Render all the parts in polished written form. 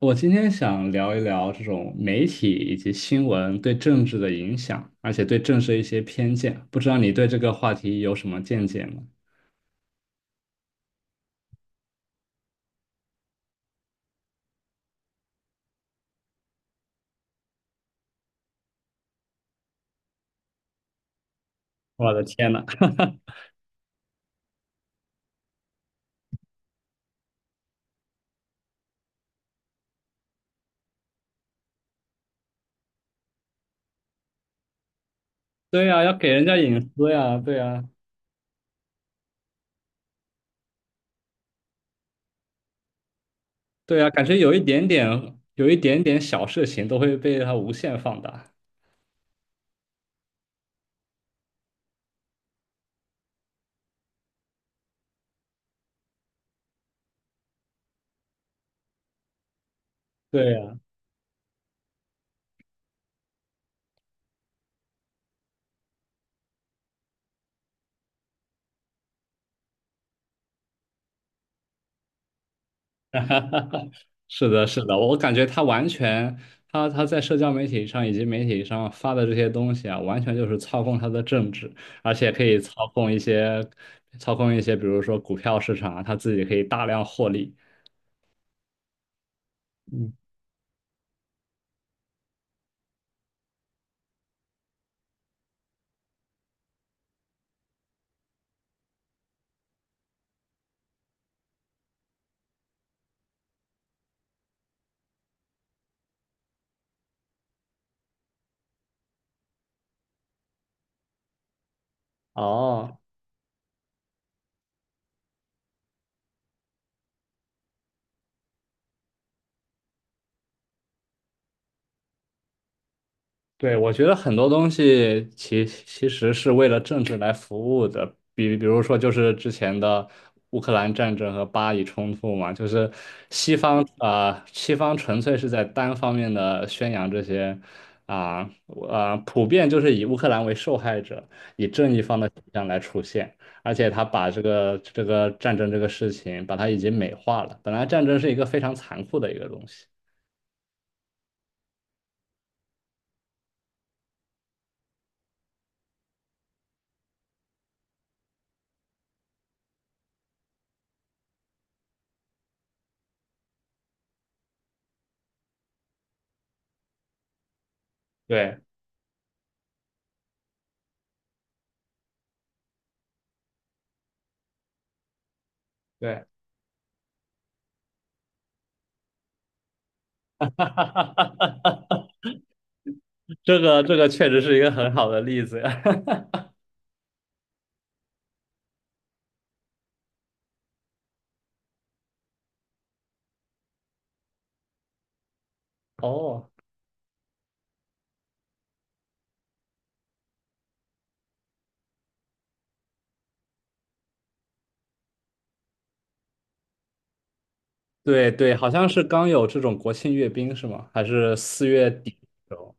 我今天想聊一聊这种媒体以及新闻对政治的影响，而且对政治的一些偏见。不知道你对这个话题有什么见解吗？我的天呐，对呀，要给人家隐私呀，对呀，对呀，感觉有一点点，有一点点小事情都会被它无限放大。对呀，是的，是的，我感觉他完全，他在社交媒体上以及媒体上发的这些东西啊，完全就是操控他的政治，而且可以操控一些，操控一些，比如说股票市场啊，他自己可以大量获利。嗯，哦，对，我觉得很多东西其实是为了政治来服务的，比如说就是之前的乌克兰战争和巴以冲突嘛，就是西方啊、西方纯粹是在单方面的宣扬这些啊普遍就是以乌克兰为受害者，以正义方的形象来出现，而且他把这个这个战争这个事情把它已经美化了，本来战争是一个非常残酷的一个东西，对对。这个这个确实是一个很好的例子呀。哦，对对，好像是刚有这种国庆阅兵是吗？还是四月底的时候？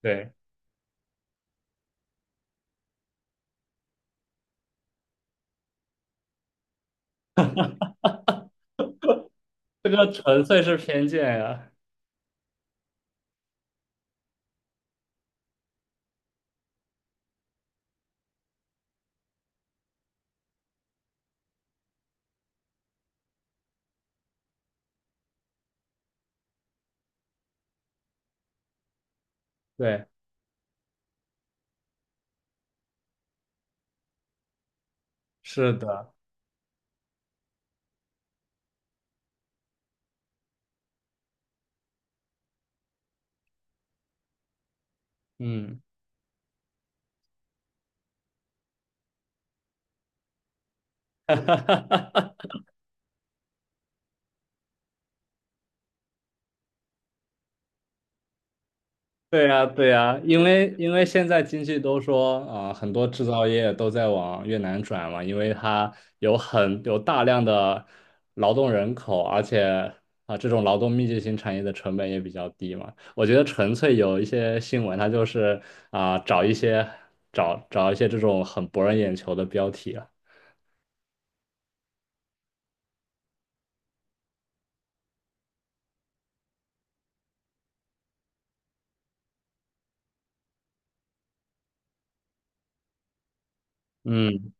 对，这个纯粹是偏见呀。对，是的，嗯。对呀，对呀，因为因为现在经济都说，啊、很多制造业都在往越南转嘛，因为它有很有大量的劳动人口，而且啊、这种劳动密集型产业的成本也比较低嘛。我觉得纯粹有一些新闻，它就是啊、找一些找找一些这种很博人眼球的标题啊。嗯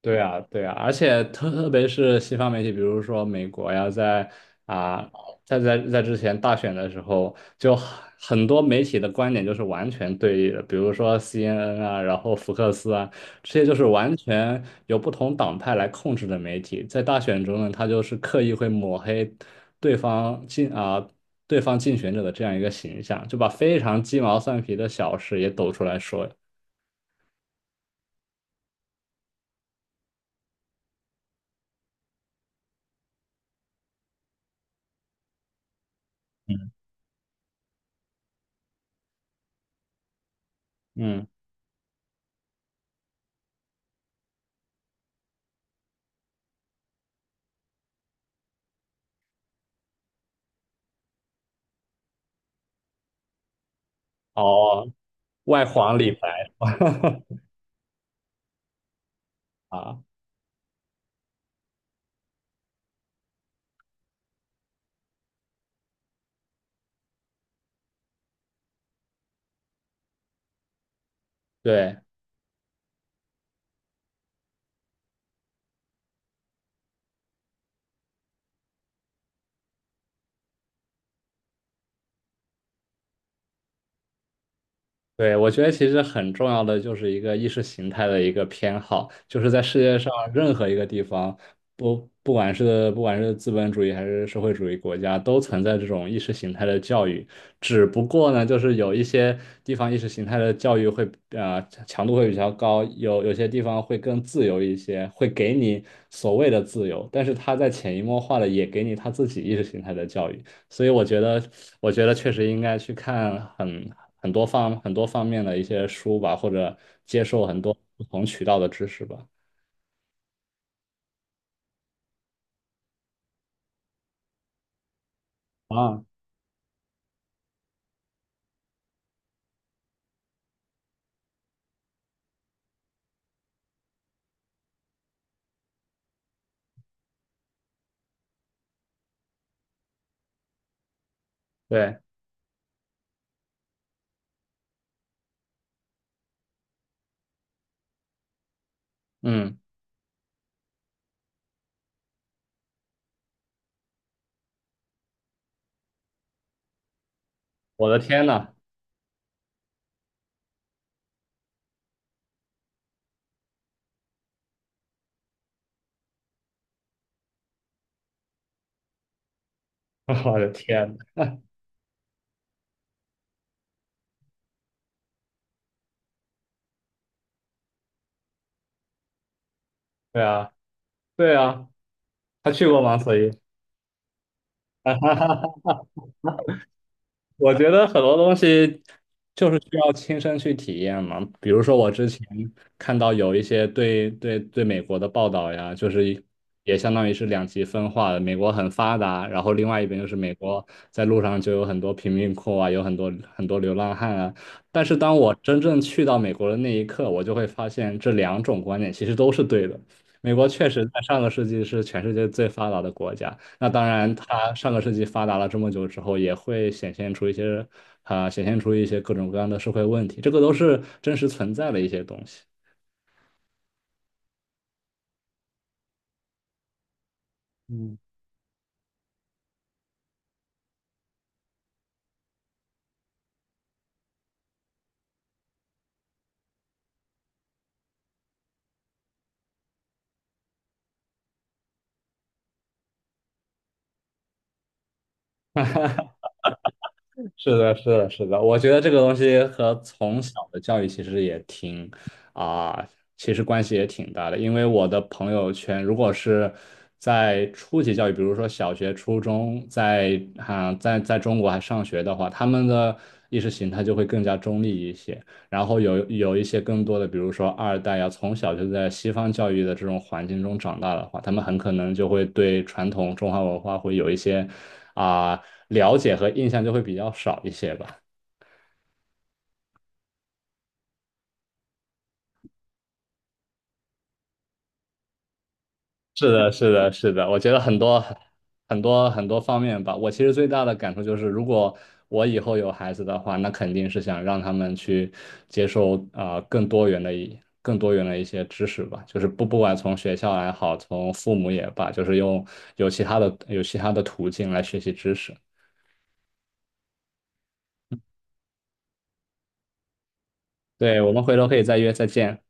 对啊，对啊，而且特别是西方媒体，比如说美国呀，在啊，在之前大选的时候，就很很多媒体的观点就是完全对立的，比如说 CNN 啊，然后福克斯啊，这些就是完全由不同党派来控制的媒体，在大选中呢，他就是刻意会抹黑对方竞啊对方竞选者的这样一个形象，就把非常鸡毛蒜皮的小事也抖出来说，嗯，哦，外黄里白。啊。对对，我觉得其实很重要的就是一个意识形态的一个偏好，就是在世界上任何一个地方，不管是不管是资本主义还是社会主义国家，都存在这种意识形态的教育。只不过呢，就是有一些地方意识形态的教育会强度会比较高，有些地方会更自由一些，会给你所谓的自由，但是他在潜移默化的也给你他自己意识形态的教育。所以我觉得，我觉得确实应该去看很多方面的一些书吧，或者接受很多不同渠道的知识吧。啊，对，嗯，我的天呐，我的天，对啊，对啊，他去过吗？所以，哈哈哈。我觉得很多东西就是需要亲身去体验嘛。比如说，我之前看到有一些对美国的报道呀，就是也相当于是两极分化的。美国很发达，然后另外一边就是美国在路上就有很多贫民窟啊，有很多很多流浪汉啊。但是当我真正去到美国的那一刻，我就会发现这两种观点其实都是对的。美国确实在上个世纪是全世界最发达的国家。那当然，它上个世纪发达了这么久之后，也会显现出一些啊、显现出一些各种各样的社会问题，这个都是真实存在的一些东西。嗯。是的，是的，是的，我觉得这个东西和从小的教育其实也挺啊、其实关系也挺大的。因为我的朋友圈，如果是在初级教育，比如说小学、初中，在啊、在中国还上学的话，他们的意识形态就会更加中立一些。然后有一些更多的，比如说二代呀，从小就在西方教育的这种环境中长大的话，他们很可能就会对传统中华文化会有一些啊、了解和印象就会比较少一些吧。是嗯的，是的，是的，我觉得很多很多很多方面吧。我其实最大的感受就是，如果我以后有孩子的话，那肯定是想让他们去接受啊、更多元的一些知识吧。就是不管从学校也好，从父母也罢，就是用有其他的途径来学习知识。对，我们回头可以再约，再见。